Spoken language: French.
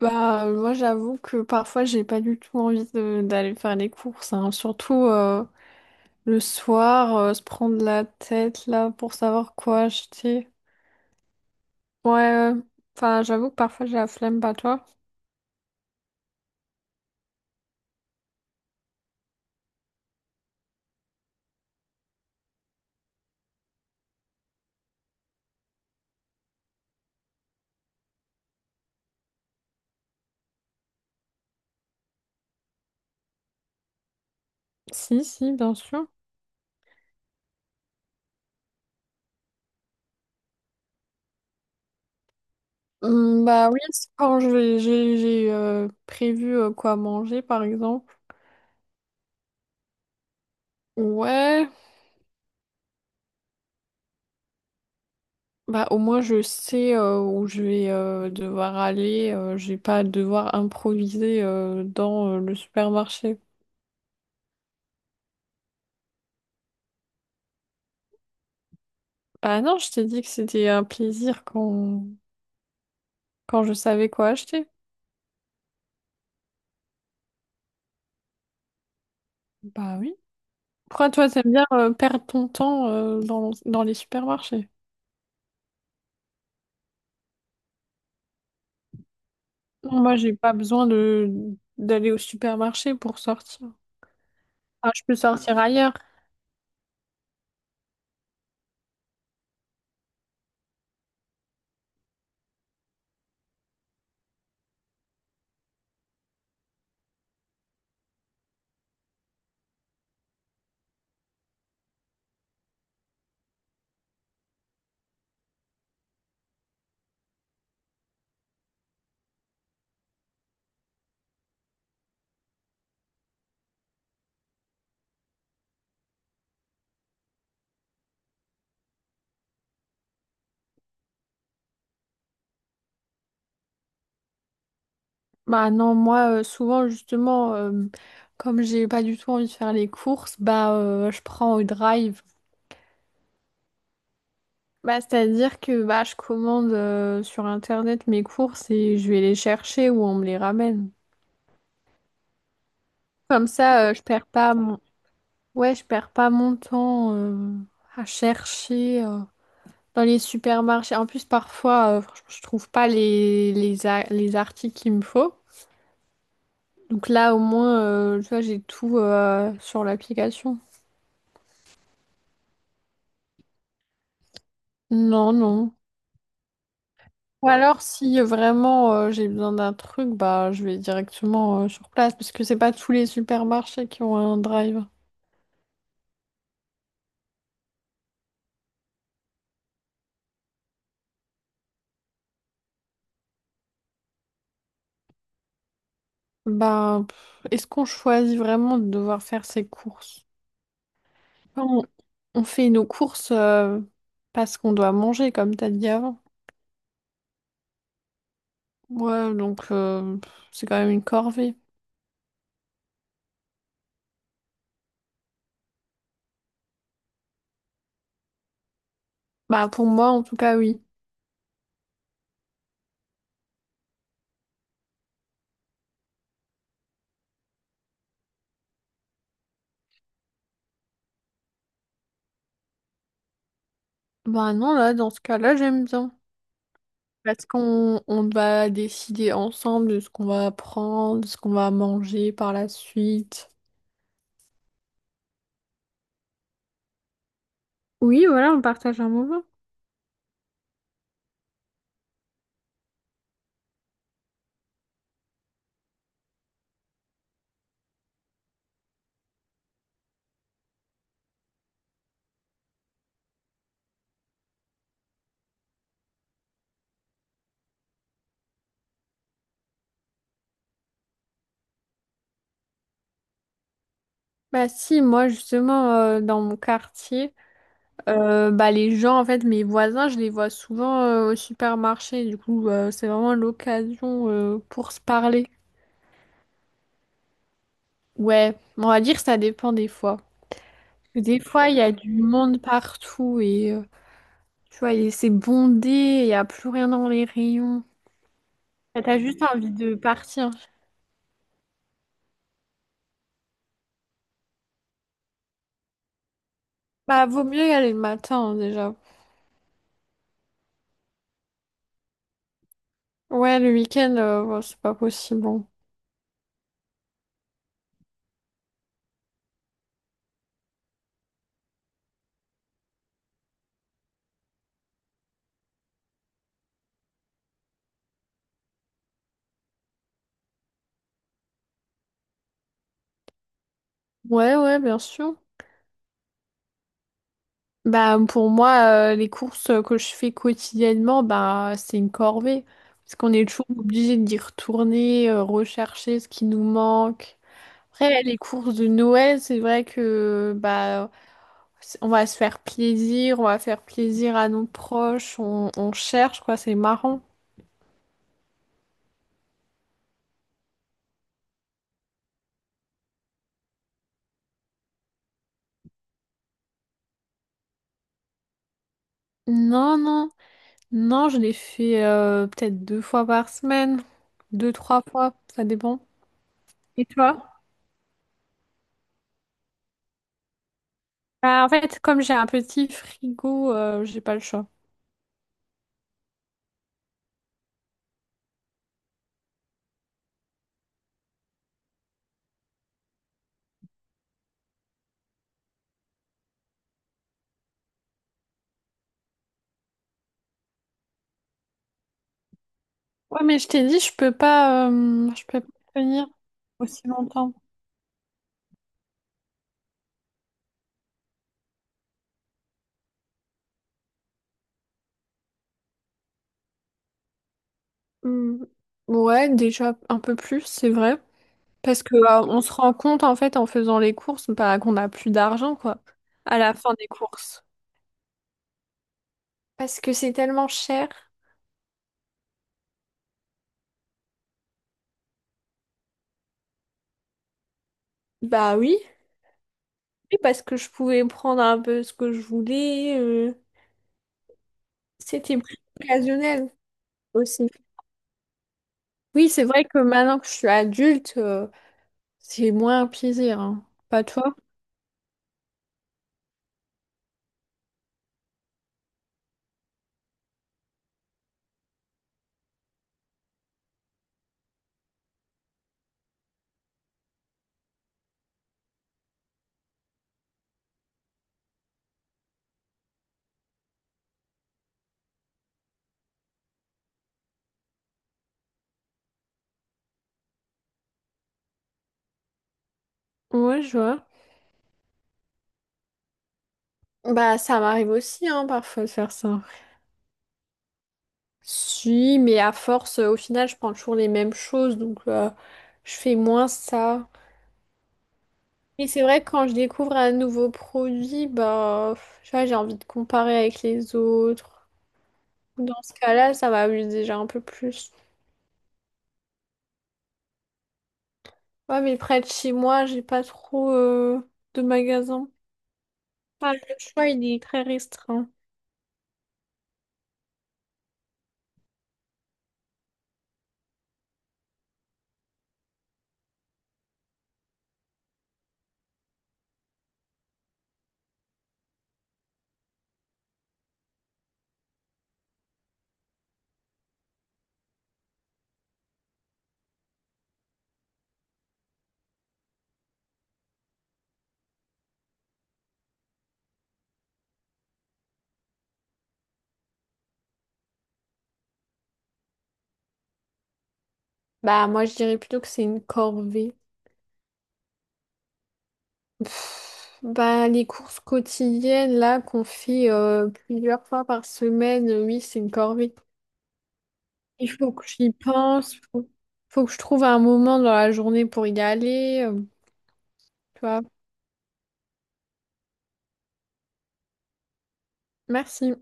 Bah, moi, j'avoue que parfois, j'ai pas du tout envie d'aller faire les courses, hein. Surtout le soir, se prendre la tête là pour savoir quoi acheter. Ouais, euh, enfin, j'avoue que parfois, j'ai la flemme, pas toi? Si, si, bien sûr. Bah oui, c'est quand j'ai, prévu quoi manger, par exemple. Ouais, bah au moins, je sais où je vais devoir aller. J'ai pas à devoir improviser dans le supermarché. Bah non, je t'ai dit que c'était un plaisir quand, quand je savais quoi acheter. Bah oui. Pourquoi toi, t'aimes bien perdre ton temps dans, dans les supermarchés? Non, moi, j'ai pas besoin de d'aller au supermarché pour sortir. Ah, je peux sortir ailleurs. Bah non, moi, souvent, justement, comme j'ai pas du tout envie de faire les courses, bah je prends au drive. Bah, c'est-à-dire que bah, je commande sur Internet mes courses et je vais les chercher ou on me les ramène. Comme ça, je perds pas mon, ouais, je perds pas mon temps à chercher dans les supermarchés. En plus, parfois, franchement, je trouve pas les, les, les articles qu'il me faut. Donc là, au moins, tu vois, j'ai tout sur l'application. Non, non. Ou alors, si vraiment j'ai besoin d'un truc, bah, je vais directement sur place parce que c'est pas tous les supermarchés qui ont un drive. Bah, pff, est-ce qu'on choisit vraiment de devoir faire ses courses? Quand on fait nos courses parce qu'on doit manger, comme t'as dit avant. Ouais, donc c'est quand même une corvée. Bah pour moi en tout cas oui. Bah non, là dans ce cas-là j'aime bien. Parce qu'on on va décider ensemble de ce qu'on va prendre, de ce qu'on va manger par la suite. Oui, voilà, on partage un moment. Bah si, moi justement dans mon quartier. Bah, les gens, en fait, mes voisins, je les vois souvent au supermarché. Du coup, c'est vraiment l'occasion pour se parler. Ouais, on va dire que ça dépend des fois. Des fois, il y a du monde partout et tu vois, et c'est bondé, il n'y a plus rien dans les rayons. Et t'as juste envie de partir. Bah, vaut mieux y aller le matin, hein, déjà. Ouais, le week-end, bon, c'est pas possible. Bon. Ouais, ouais, bien sûr. Bah, pour moi, les courses que je fais quotidiennement, bah, c'est une corvée. Parce qu'on est toujours obligé d'y retourner, rechercher ce qui nous manque. Après, les courses de Noël, c'est vrai que bah, on va se faire plaisir, on va faire plaisir à nos proches, on cherche, quoi, c'est marrant. Non, non, non, je les fais peut-être deux fois par semaine, deux, trois fois, ça dépend. Et toi? Bah, en fait, comme j'ai un petit frigo, j'ai pas le choix. Ouais, mais je t'ai dit, je peux pas tenir aussi longtemps. Hmm. Ouais, déjà un peu plus, c'est vrai. Parce que, on se rend compte, en fait, en faisant les courses, bah, qu'on n'a plus d'argent, quoi, à la fin des courses. Parce que c'est tellement cher. Bah oui. Oui, parce que je pouvais prendre un peu ce que je voulais. C'était plus occasionnel aussi. Oui, c'est vrai que maintenant que je suis adulte, c'est moins un plaisir, hein. Pas toi? Ouais, je vois. Bah, ça m'arrive aussi, hein, parfois de faire ça. Si, mais à force, au final, je prends toujours les mêmes choses, donc je fais moins ça. Et c'est vrai que quand je découvre un nouveau produit, bah, tu vois, j'ai envie de comparer avec les autres. Dans ce cas-là, ça m'amuse déjà un peu plus. Ouais, mais près de chez moi, j'ai pas trop de magasins. Enfin, le choix, il est très restreint. Bah, moi, je dirais plutôt que c'est une corvée. Pff, bah, les courses quotidiennes là qu'on fait plusieurs fois par semaine, oui, c'est une corvée. Il faut que j'y pense, faut, faut que je trouve un moment dans la journée pour y aller, tu vois. Merci.